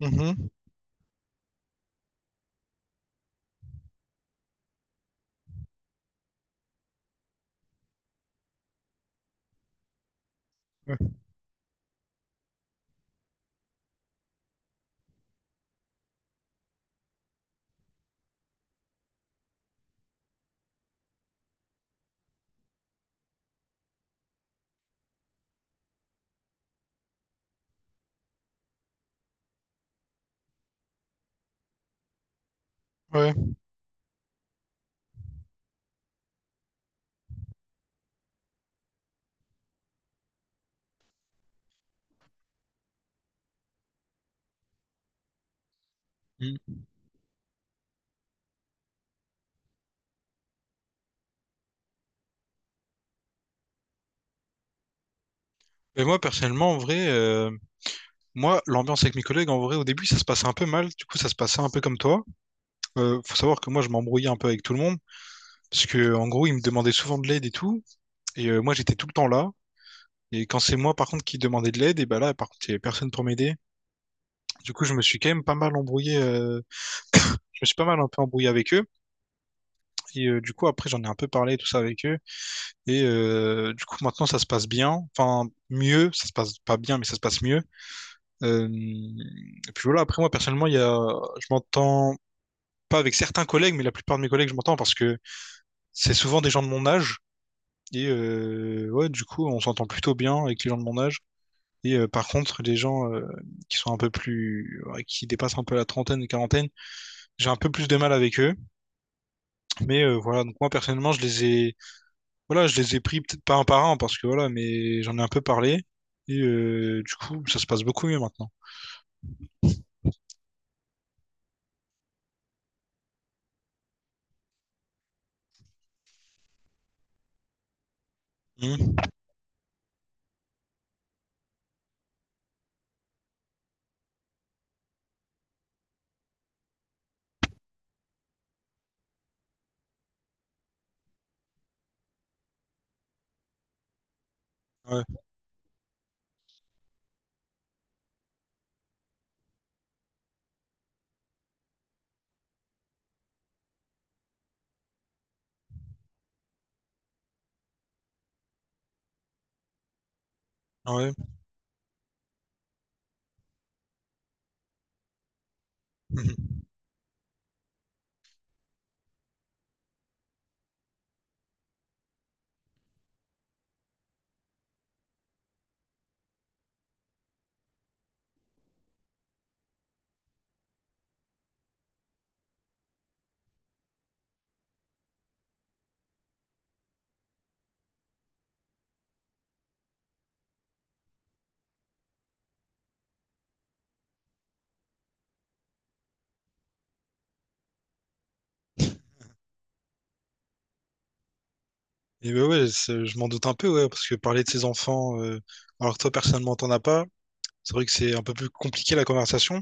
Mhm. Ouais. Ouais. Mm. Mais moi, personnellement, en vrai, moi, l'ambiance avec mes collègues, en vrai, au début, ça se passait un peu mal. Du coup, ça se passait un peu comme toi. Faut savoir que moi, je m'embrouillais un peu avec tout le monde. Parce que, en gros, ils me demandaient souvent de l'aide et tout. Et moi, j'étais tout le temps là. Et quand c'est moi, par contre, qui demandais de l'aide, et bah là, par contre, il y avait personne pour m'aider. Du coup, je me suis quand même pas mal embrouillé. Je me suis pas mal un peu embrouillé avec eux. Et du coup, après, j'en ai un peu parlé, tout ça avec eux. Et du coup, maintenant, ça se passe bien. Enfin, mieux. Ça se passe pas bien, mais ça se passe mieux. Euh, et puis voilà, après moi personnellement, je m'entends pas avec certains collègues, mais la plupart de mes collègues, je m'entends parce que c'est souvent des gens de mon âge. Et ouais, du coup, on s'entend plutôt bien avec les gens de mon âge. Et par contre, les gens qui sont un peu plus, ouais, qui dépassent un peu la trentaine, quarantaine, j'ai un peu plus de mal avec eux. Mais voilà, donc moi personnellement, voilà, je les ai pris peut-être pas un par un parce que voilà, mais j'en ai un peu parlé. Et du coup, ça se passe beaucoup mieux maintenant. Mhm. Ouais, ouais. Mhm. Et bah ouais, c'est, je m'en doute un peu, ouais, parce que parler de ses enfants, alors que toi personnellement t'en as pas, c'est vrai que c'est un peu plus compliqué la conversation,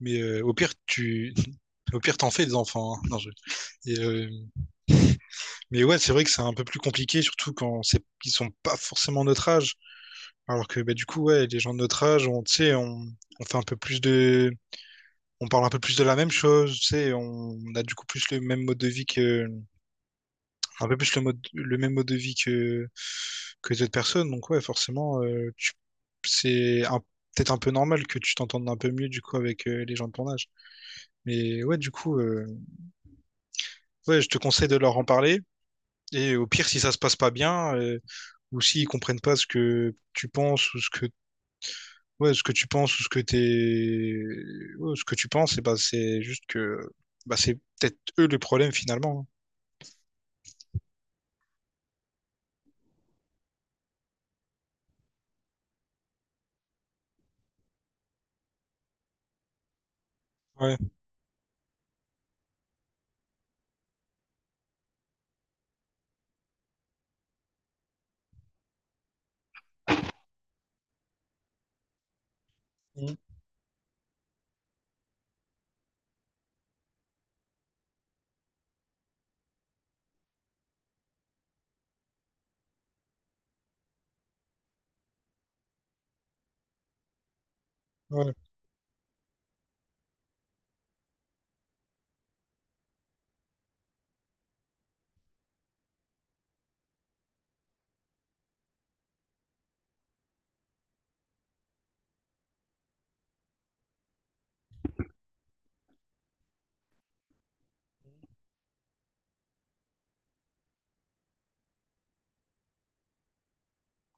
mais au pire t'en fais des enfants. Hein. Non, je- Et, euh, Mais ouais, c'est vrai que c'est un peu plus compliqué, surtout quand c'est, ils sont pas forcément notre âge, alors que bah du coup ouais, les gens de notre âge, on, tu sais, on fait un peu plus de, on parle un peu plus de la même chose, tu sais, on a du coup plus le même mode de vie que un peu plus le mode, le même mode de vie que d'autres personnes. Donc ouais, forcément, c'est un- peut-être un peu normal que tu t'entendes un peu mieux du coup avec les gens de ton âge. Mais ouais, du coup, ouais, je te conseille de leur en parler. Et au pire, si ça se passe pas bien, ou s'ils comprennent pas ce que tu penses ou ce que ouais, ce que tu penses ou ce que t'es ouais, ce que tu penses, et bah c'est juste que bah c'est peut-être eux le problème finalement. Hein. Ouais. Mm. Ouais.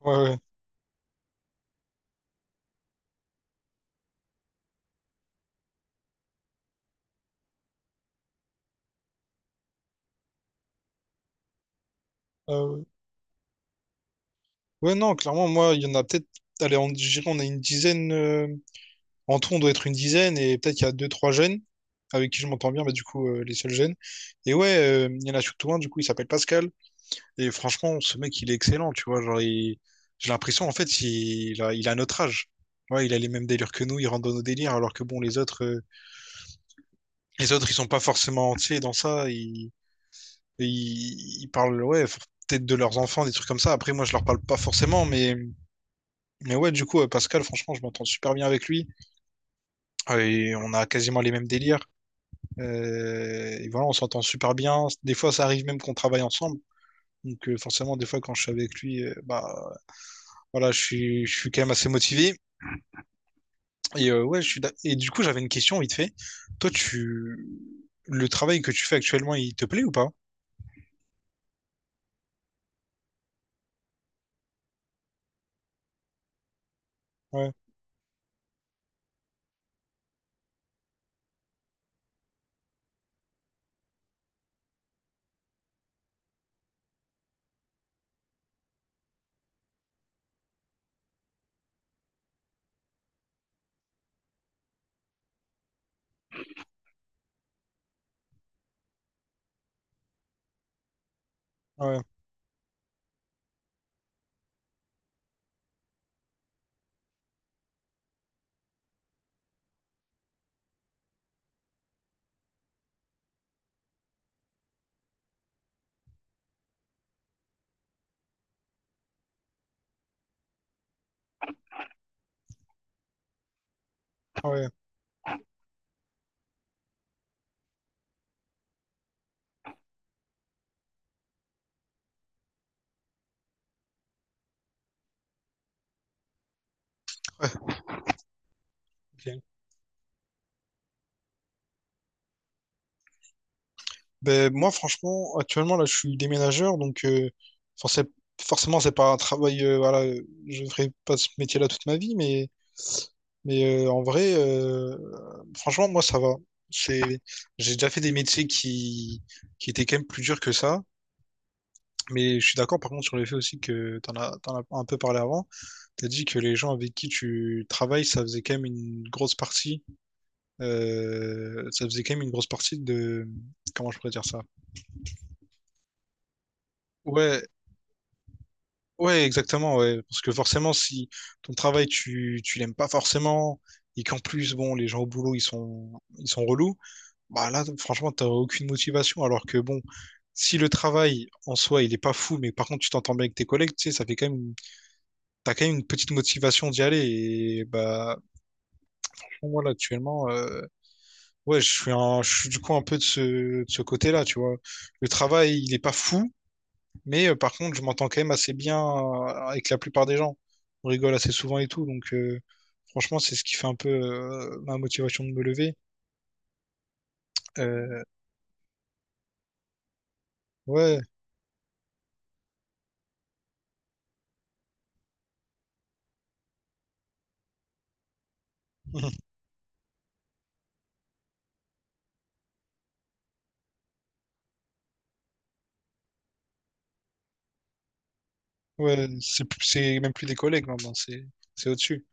Ouais. Ouais. Ah ouais. Ouais, non, clairement, moi, il y en a peut-être. Je dirais, on a une dizaine. En tout, on doit être une dizaine, et peut-être qu'il y a deux, trois jeunes avec qui je m'entends bien, bah, du coup, les seuls jeunes. Et ouais, il y en a surtout un, du coup, il s'appelle Pascal. Et franchement, ce mec, il est excellent, tu vois. J'ai l'impression, en fait, il a notre âge. Ouais, il a les mêmes délires que nous, il rentre dans nos délires, alors que bon, les autres, ils sont pas forcément, tu sais, dans ça. Ils parlent, ouais, peut-être de leurs enfants, des trucs comme ça. Après, moi, je leur parle pas forcément, mais. Mais ouais, du coup, Pascal, franchement, je m'entends super bien avec lui. Et on a quasiment les mêmes délires. Et voilà, on s'entend super bien. Des fois, ça arrive même qu'on travaille ensemble. Donc forcément, des fois, quand je suis avec lui, bah voilà, je suis quand même assez motivé. Et du coup, j'avais une question vite fait. Toi, tu, le travail que tu fais actuellement, il te plaît ou pas? Ouais, ouais, ouais. Ouais, ok. Ben, moi, franchement, actuellement, là, je suis déménageur, donc forcé- forcément, c'est pas un travail. Voilà, je ne ferai pas ce métier-là toute ma vie, mais en vrai, franchement, moi, ça va. C'est, j'ai déjà fait des métiers qui étaient quand même plus durs que ça, mais je suis d'accord, par contre, sur le fait aussi que t'en as un peu parlé avant. T'as dit que les gens avec qui tu travailles, ça faisait quand même une grosse partie. Ça faisait quand même une grosse partie de. Comment je pourrais dire ça? Ouais, ouais, exactement, ouais. Parce que forcément, si ton travail, tu l'aimes pas forcément, et qu'en plus, bon, les gens au boulot, ils sont relous, bah là, franchement, t'as aucune motivation. Alors que bon, si le travail en soi, il est pas fou, mais par contre, tu t'entends bien avec tes collègues, tu sais, ça fait quand même, t'as quand même une petite motivation d'y aller. Et bah, moi, là, actuellement, ouais, je suis du coup un peu de ce côté-là, tu vois. Le travail, il est pas fou, mais par contre, je m'entends quand même assez bien avec la plupart des gens. On rigole assez souvent et tout, donc franchement, c'est ce qui fait un peu ma motivation de me lever. Euh, ouais, ouais, c'est même plus des collègues maintenant, c'est au-dessus.